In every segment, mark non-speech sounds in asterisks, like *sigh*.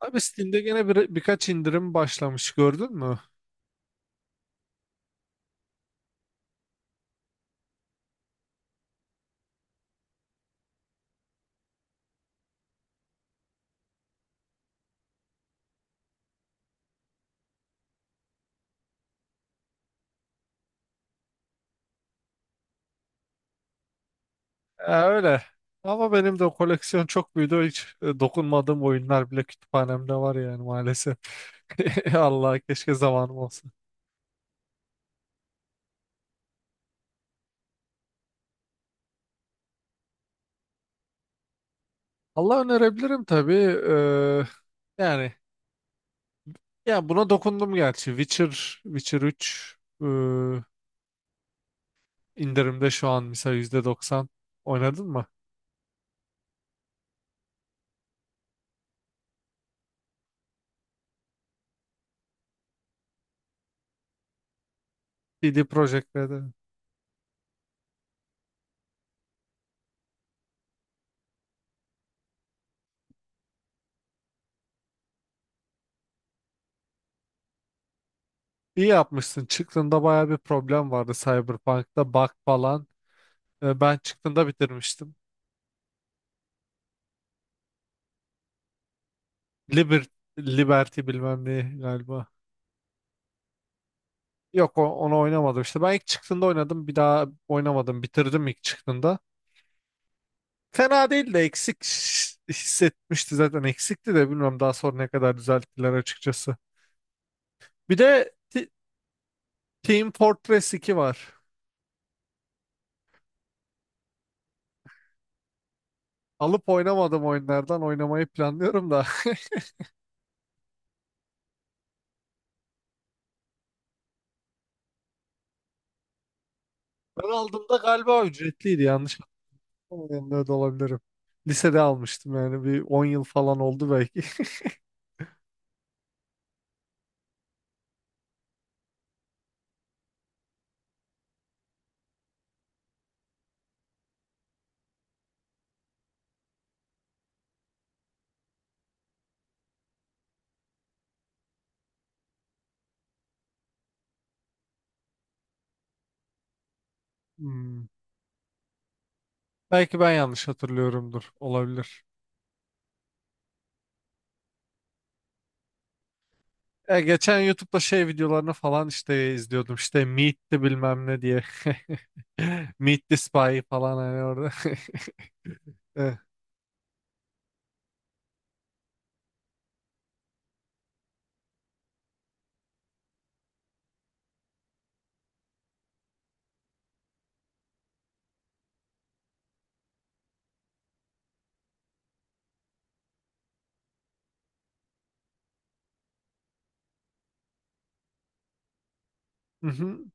Abi Steam'de gene birkaç indirim başlamış gördün mü? E, öyle. Ama benim de koleksiyon çok büyüdü. Hiç dokunmadığım oyunlar bile kütüphanemde var yani maalesef. *laughs* Allah, keşke zamanım olsa. Allah, önerebilirim tabii. Ee, yani ya buna dokundum gerçi. Witcher 3 e, indirimde şu an mesela %90. Oynadın mı? CD Projekt Red'i. İyi yapmışsın. Çıktığında baya bir problem vardı Cyberpunk'ta bug falan. Ben çıktığında bitirmiştim. Liber- Liberty bilmem ne galiba. Yok, onu oynamadım işte. Ben ilk çıktığında oynadım. Bir daha oynamadım. Bitirdim ilk çıktığında. Fena değil de eksik hissetmişti zaten. Eksikti de bilmiyorum daha sonra ne kadar düzelttiler açıkçası. Bir de Team Fortress 2 var. Alıp oynamadım oyunlardan. Oynamayı planlıyorum da. *laughs* Ben aldığımda galiba ücretliydi, yanlış yanında da olabilirim. Lisede almıştım yani bir 10 yıl falan oldu belki. *laughs* Hmm. Belki ben yanlış hatırlıyorumdur. Olabilir. Ya geçen YouTube'da şey videolarını falan işte izliyordum. İşte Meet the bilmem ne diye. *laughs* Meet the Spy falan hani orada. *laughs* Evet. Mhm.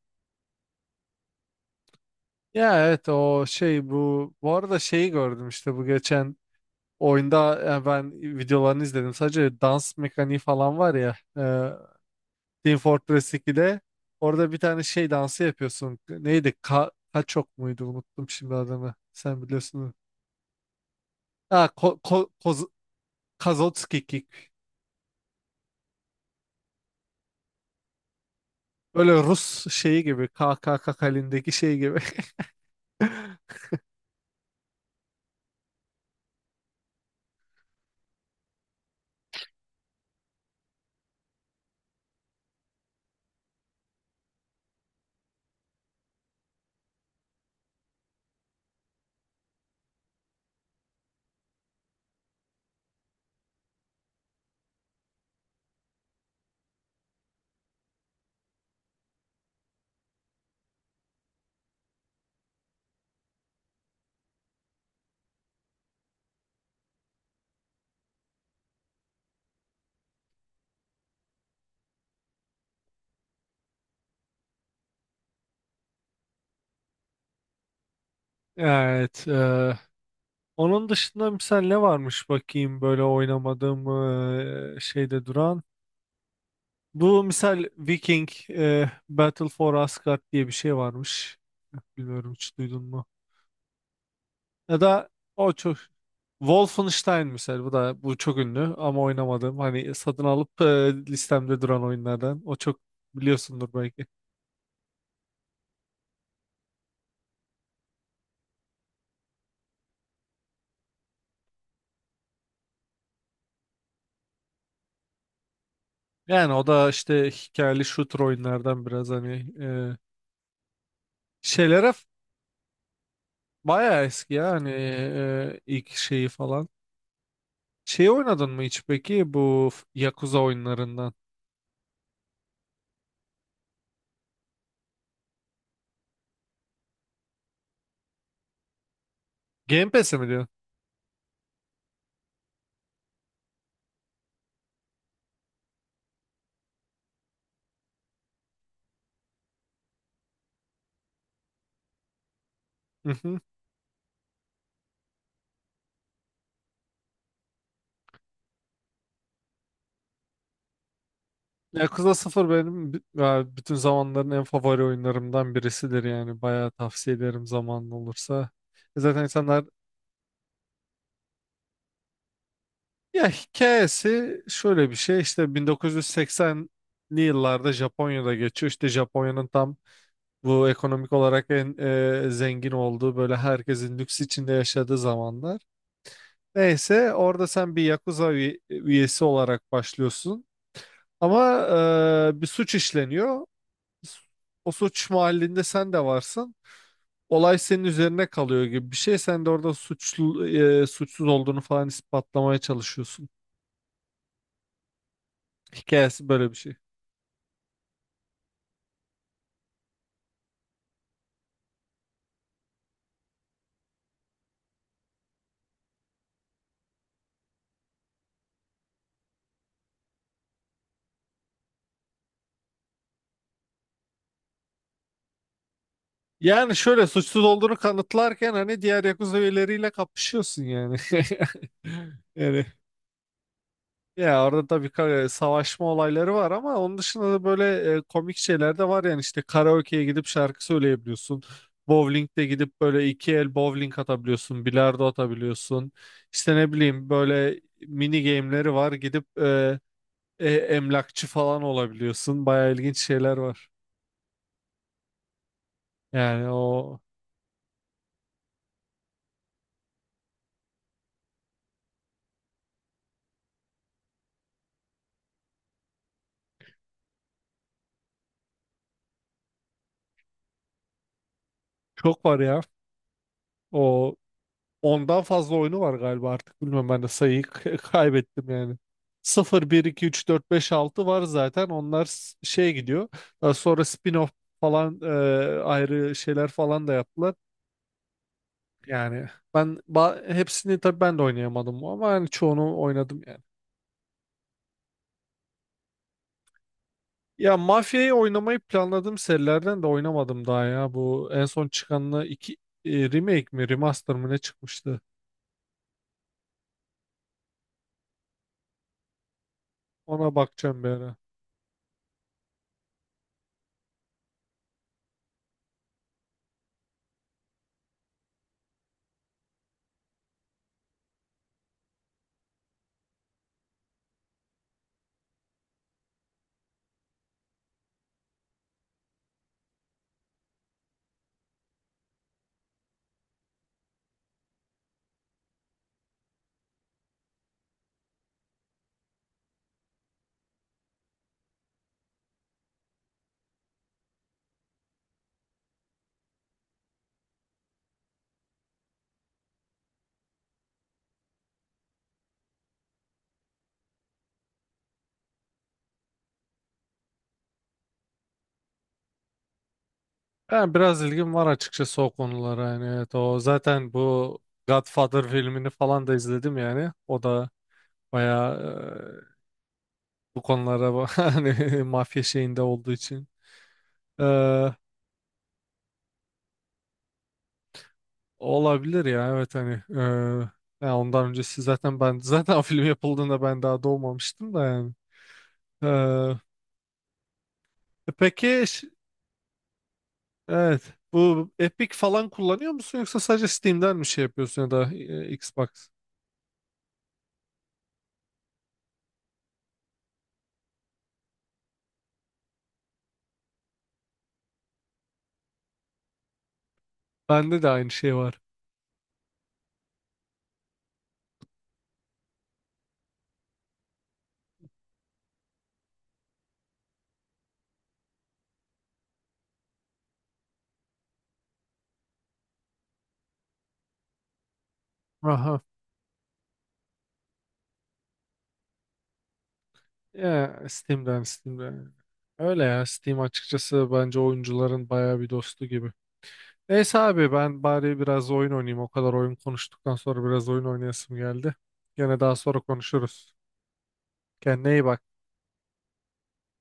Ya evet, o şey, bu arada şeyi gördüm işte bu geçen oyunda. Yani ben videolarını izledim sadece, dans mekaniği falan var ya, e, Team Fortress 2'de orada bir tane şey dansı yapıyorsun, neydi? Kaçok muydu, unuttum şimdi adını, sen biliyorsun. Ha, ko Koz- Kazotski Kick. Böyle Rus şeyi gibi, K K K halindeki şey gibi. *laughs* Evet. Onun dışında misal ne varmış bakayım, böyle oynamadığım şeyde duran. Bu misal Viking, Battle for Asgard diye bir şey varmış. Bilmiyorum, hiç duydun mu? Ya da o çok Wolfenstein misal, bu da bu çok ünlü ama oynamadım. Hani satın alıp listemde duran oyunlardan. O çok biliyorsundur belki. Yani o da işte hikayeli shooter oyunlardan biraz hani Şeylere f- bayağı eski ya hani ilk şeyi falan. Şey, oynadın mı hiç peki bu Yakuza oyunlarından? Game Pass'e mi diyorsun? Hı hı. Yakuza 0 benim ya bütün zamanların en favori oyunlarımdan birisidir yani. Bayağı tavsiye ederim zamanın olursa. Zaten insanlar, ya hikayesi şöyle bir şey işte 1980'li yıllarda Japonya'da geçiyor. İşte Japonya'nın tam bu ekonomik olarak en zengin olduğu, böyle herkesin lüks içinde yaşadığı zamanlar. Neyse orada sen bir Yakuza üyesi olarak başlıyorsun. Ama bir suç işleniyor. O suç mahallinde sen de varsın. Olay senin üzerine kalıyor gibi bir şey. Sen de orada suçlu, suçsuz olduğunu falan ispatlamaya çalışıyorsun. Hikayesi böyle bir şey. Yani şöyle suçsuz olduğunu kanıtlarken hani diğer Yakuza üyeleriyle kapışıyorsun yani. *laughs* Yani, ya orada tabii savaşma olayları var ama onun dışında da böyle komik şeyler de var yani, işte karaoke'ye gidip şarkı söyleyebiliyorsun. Bowling'de gidip böyle iki el bowling atabiliyorsun, bilardo atabiliyorsun. İşte ne bileyim böyle mini game'leri var, gidip emlakçı falan olabiliyorsun. Bayağı ilginç şeyler var. Yani o çok var ya, o Ondan fazla oyunu var galiba artık. Bilmem, ben de sayıyı *laughs* kaybettim yani. 0, 1, 2, 3, 4, 5, 6 var zaten. Onlar şey gidiyor. Daha sonra spin-off falan ayrı şeyler falan da yaptılar. Yani ben hepsini tabii ben de oynayamadım ama yani çoğunu oynadım yani. Ya Mafya'yı oynamayı planladığım serilerden de oynamadım daha ya. Bu en son çıkanla iki remake mi remaster mı ne çıkmıştı? Ona bakacağım bir ara. Yani biraz ilgim var açıkçası o konulara, yani evet, o zaten bu Godfather filmini falan da izledim yani o da bayağı bu konulara *laughs* hani mafya şeyinde olduğu için. E, Olabilir ya, evet hani ya ondan öncesi zaten ben *laughs* zaten o film yapıldığında ben daha doğmamıştım da yani. Peki evet, bu Epic falan kullanıyor musun, yoksa sadece Steam'den mi şey yapıyorsun, ya da Xbox? Bende de aynı şey var. Aha. Ya Steam'den. Öyle ya, Steam açıkçası bence oyuncuların bayağı bir dostu gibi. Neyse abi ben bari biraz oyun oynayayım. O kadar oyun konuştuktan sonra biraz oyun oynayasım geldi. Gene daha sonra konuşuruz. Kendine iyi bak.